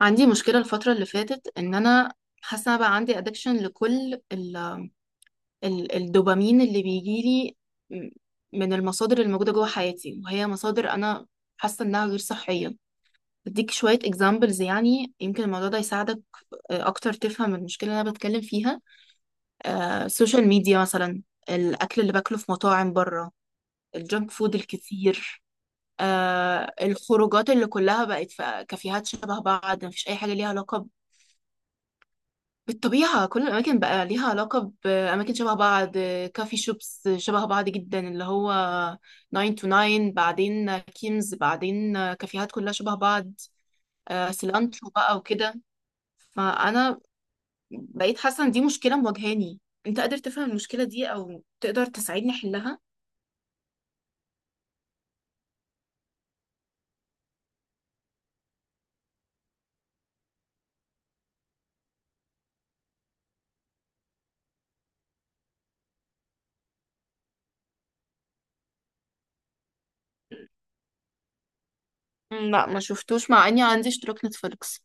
عندي مشكلة الفترة اللي فاتت ان انا حاسة إن انا بقى عندي ادكشن لكل ال ال الدوبامين اللي بيجيلي م- من المصادر الموجودة جوه حياتي وهي مصادر انا حاسة انها غير صحية. اديك شوية اكزامبلز، يعني يمكن الموضوع ده يساعدك اكتر تفهم المشكلة اللي انا بتكلم فيها. السوشيال ميديا مثلا، الاكل اللي باكله في مطاعم بره، الجنك فود الكتير، الخروجات اللي كلها بقت في كافيهات شبه بعض، مفيش اي حاجه ليها علاقه بالطبيعة. كل الأماكن بقى ليها علاقة بأماكن شبه بعض، كافي شوبس شبه بعض جدا، اللي هو 9 to 9، بعدين كيمز، بعدين كافيهات كلها شبه بعض، سيلانترو بقى وكده. فأنا بقيت حاسة إن دي مشكلة مواجهاني. أنت قادر تفهم المشكلة دي أو تقدر تساعدني أحلها؟ مم، لا، ما شفتوش مع إني عندي اشتراك نتفليكس.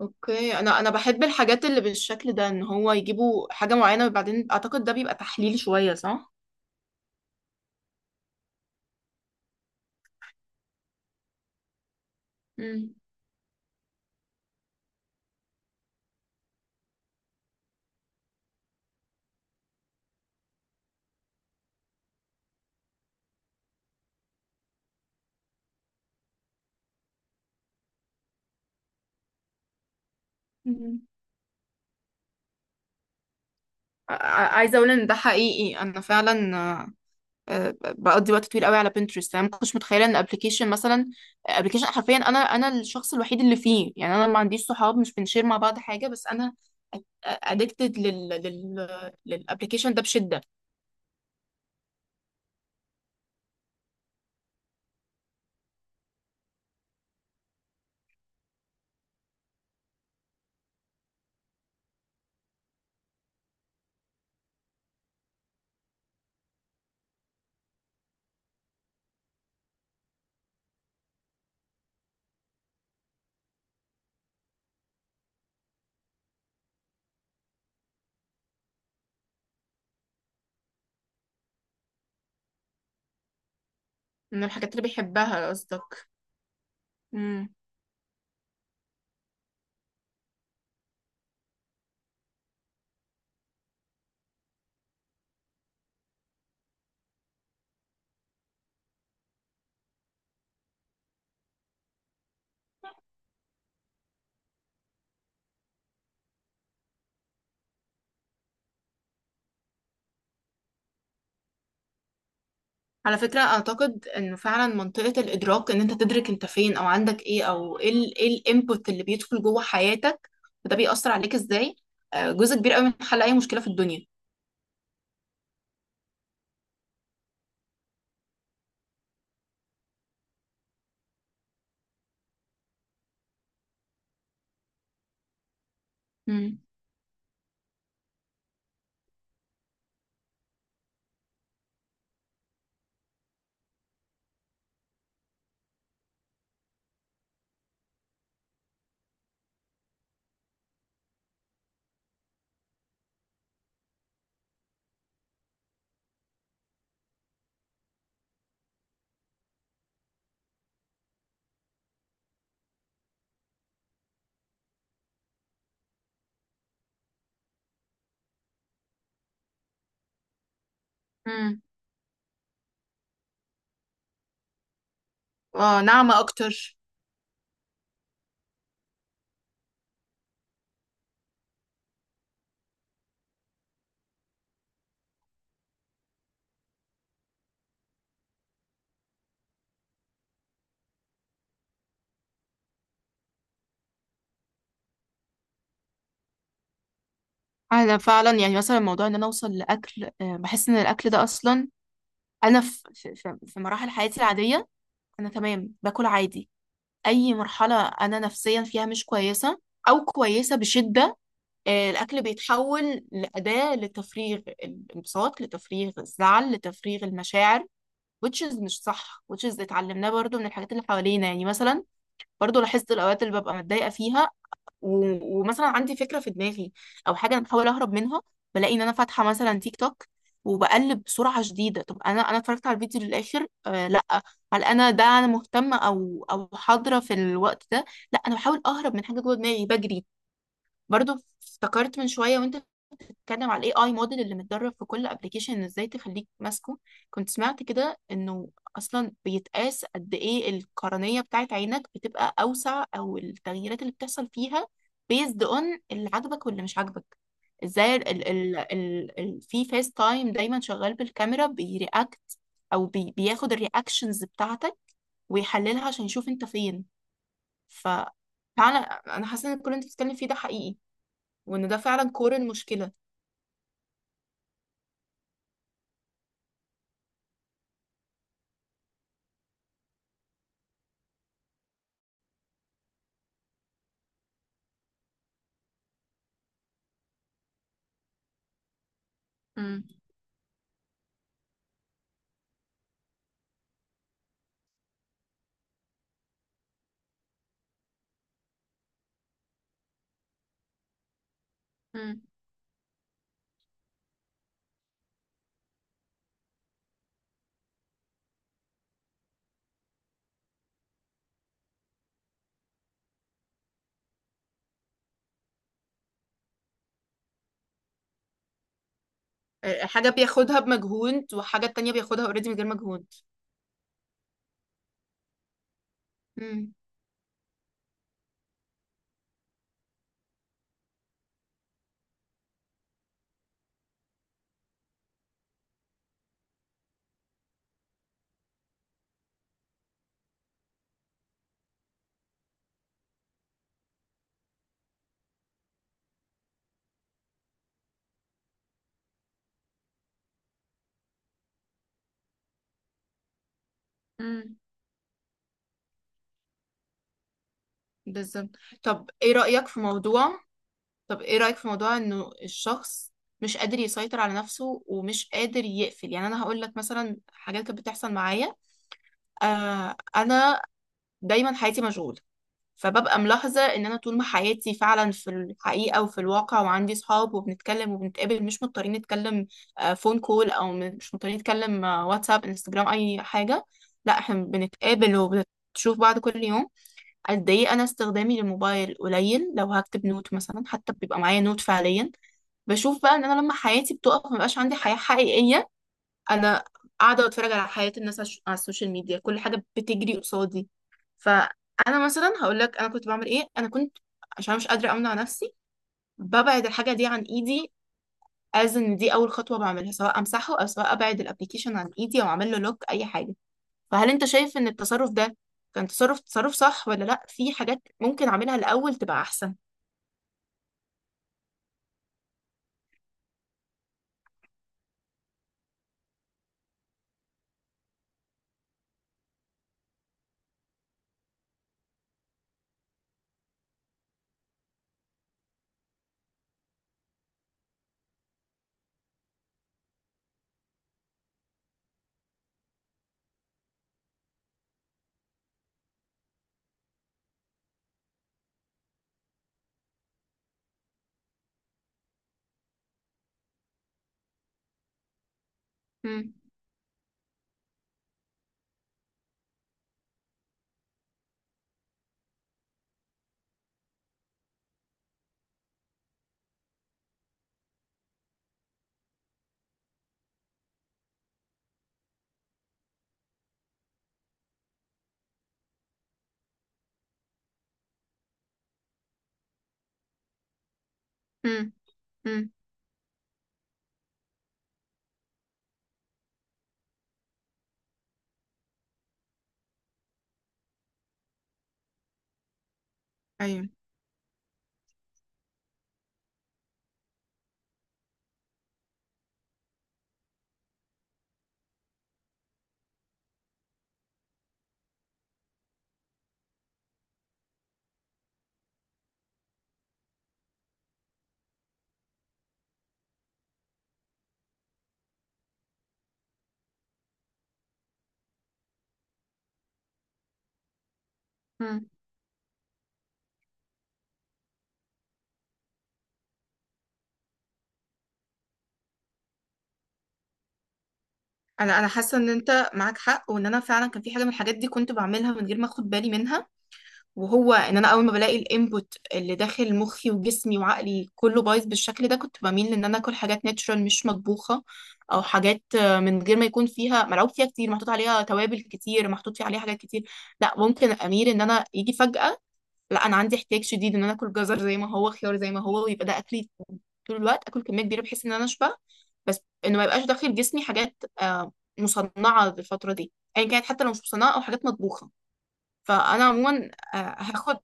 اوكي، انا بحب الحاجات اللي بالشكل ده، ان هو يجيبوا حاجه معينه وبعدين اعتقد ده بيبقى تحليل شويه صح. مم. مم. عايزه اقول ان ده حقيقي. انا فعلا بقضي وقت طويل قوي على بنترست. انا ما كنتش متخيله ان ابلكيشن مثلا، ابلكيشن حرفيا انا انا الشخص الوحيد اللي فيه، يعني انا ما عنديش صحاب مش بنشير مع بعض حاجه، بس انا ادكتد لل لل للابلكيشن ده بشده. من الحاجات اللي بيحبها قصدك. على فكرة أعتقد إنه فعلا منطقة الإدراك، إن أنت تدرك أنت فين أو عندك إيه أو إيه الإنبوت اللي بيدخل جوه حياتك وده بيأثر عليك إزاي، جزء كبير أوي من حل أي مشكلة في الدنيا. مم. مم. ناعمة أكتر. أنا فعلا يعني مثلا موضوع إن أنا أوصل لأكل، بحس إن الأكل ده أصلا، أنا في مراحل حياتي العادية أنا تمام باكل عادي. أي مرحلة أنا نفسيا فيها مش كويسة أو كويسة بشدة، الأكل بيتحول لأداة لتفريغ الانبساط، لتفريغ الزعل، لتفريغ المشاعر. which is مش صح، which is اتعلمناه برضو من الحاجات اللي حوالينا، يعني مثلا برضو لاحظت الأوقات اللي ببقى متضايقة فيها و... ومثلا عندي فكرة في دماغي أو حاجة أنا بحاول أهرب منها، بلاقي إن أنا فاتحة مثلا تيك توك وبقلب بسرعة شديدة. طب أنا، أنا اتفرجت على الفيديو للآخر؟ لأ. هل أنا، ده أنا مهتمة أو حاضرة في الوقت ده؟ لأ، أنا بحاول أهرب من حاجة جوه دماغي بجري. برضو افتكرت من شوية وانت اتكلم على الاي اي موديل اللي متدرب في كل ابلكيشن، ان ازاي تخليك ماسكه. كنت سمعت كده انه اصلا بيتقاس قد ايه القرنية بتاعت عينك بتبقى اوسع، او التغييرات اللي بتحصل فيها based on اللي عاجبك واللي مش عاجبك. ازاي ال ال ال ال في فيس تايم دايما شغال بالكاميرا، بيرياكت او بياخد الرياكشنز بتاعتك ويحللها عشان يشوف انت فين. ف فعلا انا حاسه ان كل اللي انت بتتكلم فيه ده حقيقي، وان ده فعلا كور المشكله. مم. مم. حاجة بياخدها بمجهود، وحاجة التانية بياخدها اوريدي من غير مجهود. امم. امم. بالظبط. طب ايه رأيك في موضوع طب ايه رأيك في موضوع انه الشخص مش قادر يسيطر على نفسه ومش قادر يقفل؟ يعني انا هقول لك مثلا حاجات كانت بتحصل معايا. انا دايما حياتي مشغولة، فببقى ملاحظة ان انا طول ما حياتي فعلا في الحقيقة وفي الواقع، وعندي صحاب وبنتكلم وبنتقابل، مش مضطرين نتكلم فون كول او مش مضطرين نتكلم واتساب، انستجرام، اي حاجة. لا، احنا بنتقابل وبنشوف بعض كل يوم. قد ايه انا استخدامي للموبايل قليل، لو هكتب نوت مثلا حتى بيبقى معايا نوت فعليا. بشوف بقى ان انا لما حياتي بتقف، مبقاش عندي حياة حقيقية. انا قاعده بتفرج على حياه الناس على السوشيال ميديا، كل حاجه بتجري قصادي. فانا مثلا هقول لك انا كنت بعمل ايه. انا كنت، عشان أنا مش قادره امنع نفسي، ببعد الحاجه دي عن ايدي. از ان دي اول خطوه بعملها، سواء امسحه او سواء ابعد الابليكيشن عن ايدي او اعمل له لوك، اي حاجه. فهل انت شايف ان التصرف ده كان تصرف صح، ولا لا، في حاجات ممكن اعملها الاول تبقى احسن؟ امم. امم. امم. ايوه، انا حاسه ان انت معاك حق، وان انا فعلا كان في حاجه من الحاجات دي كنت بعملها من غير ما اخد بالي منها. وهو ان انا اول ما بلاقي الانبوت اللي داخل مخي وجسمي وعقلي كله بايظ بالشكل ده، كنت بميل ان انا اكل حاجات ناتشورال مش مطبوخه، او حاجات من غير ما يكون فيها ملعوب، فيها كتير محطوط عليها توابل، كتير محطوط فيها عليها حاجات كتير. لا، ممكن اميل ان انا يجي فجاه، لا انا عندي احتياج شديد ان انا اكل جزر زي ما هو، خيار زي ما هو، ويبقى ده اكلي طول الوقت. اكل كميه كبيره بحيث ان انا اشبع، بس انه ما يبقاش داخل جسمي حاجات مصنعه الفتره دي. ايا يعني، كانت حتى لو مش مصنعه او حاجات مطبوخه. فانا عموما هاخد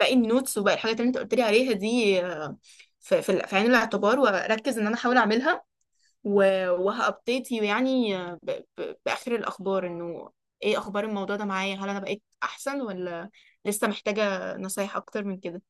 باقي النوتس وباقي الحاجات اللي انت قلت لي عليها دي في عين الاعتبار، واركز ان انا احاول اعملها، وهابديت يو يعني ب... باخر الاخبار. انه ايه اخبار الموضوع ده معايا، هل انا بقيت احسن ولا لسه محتاجة نصايح اكتر من كده؟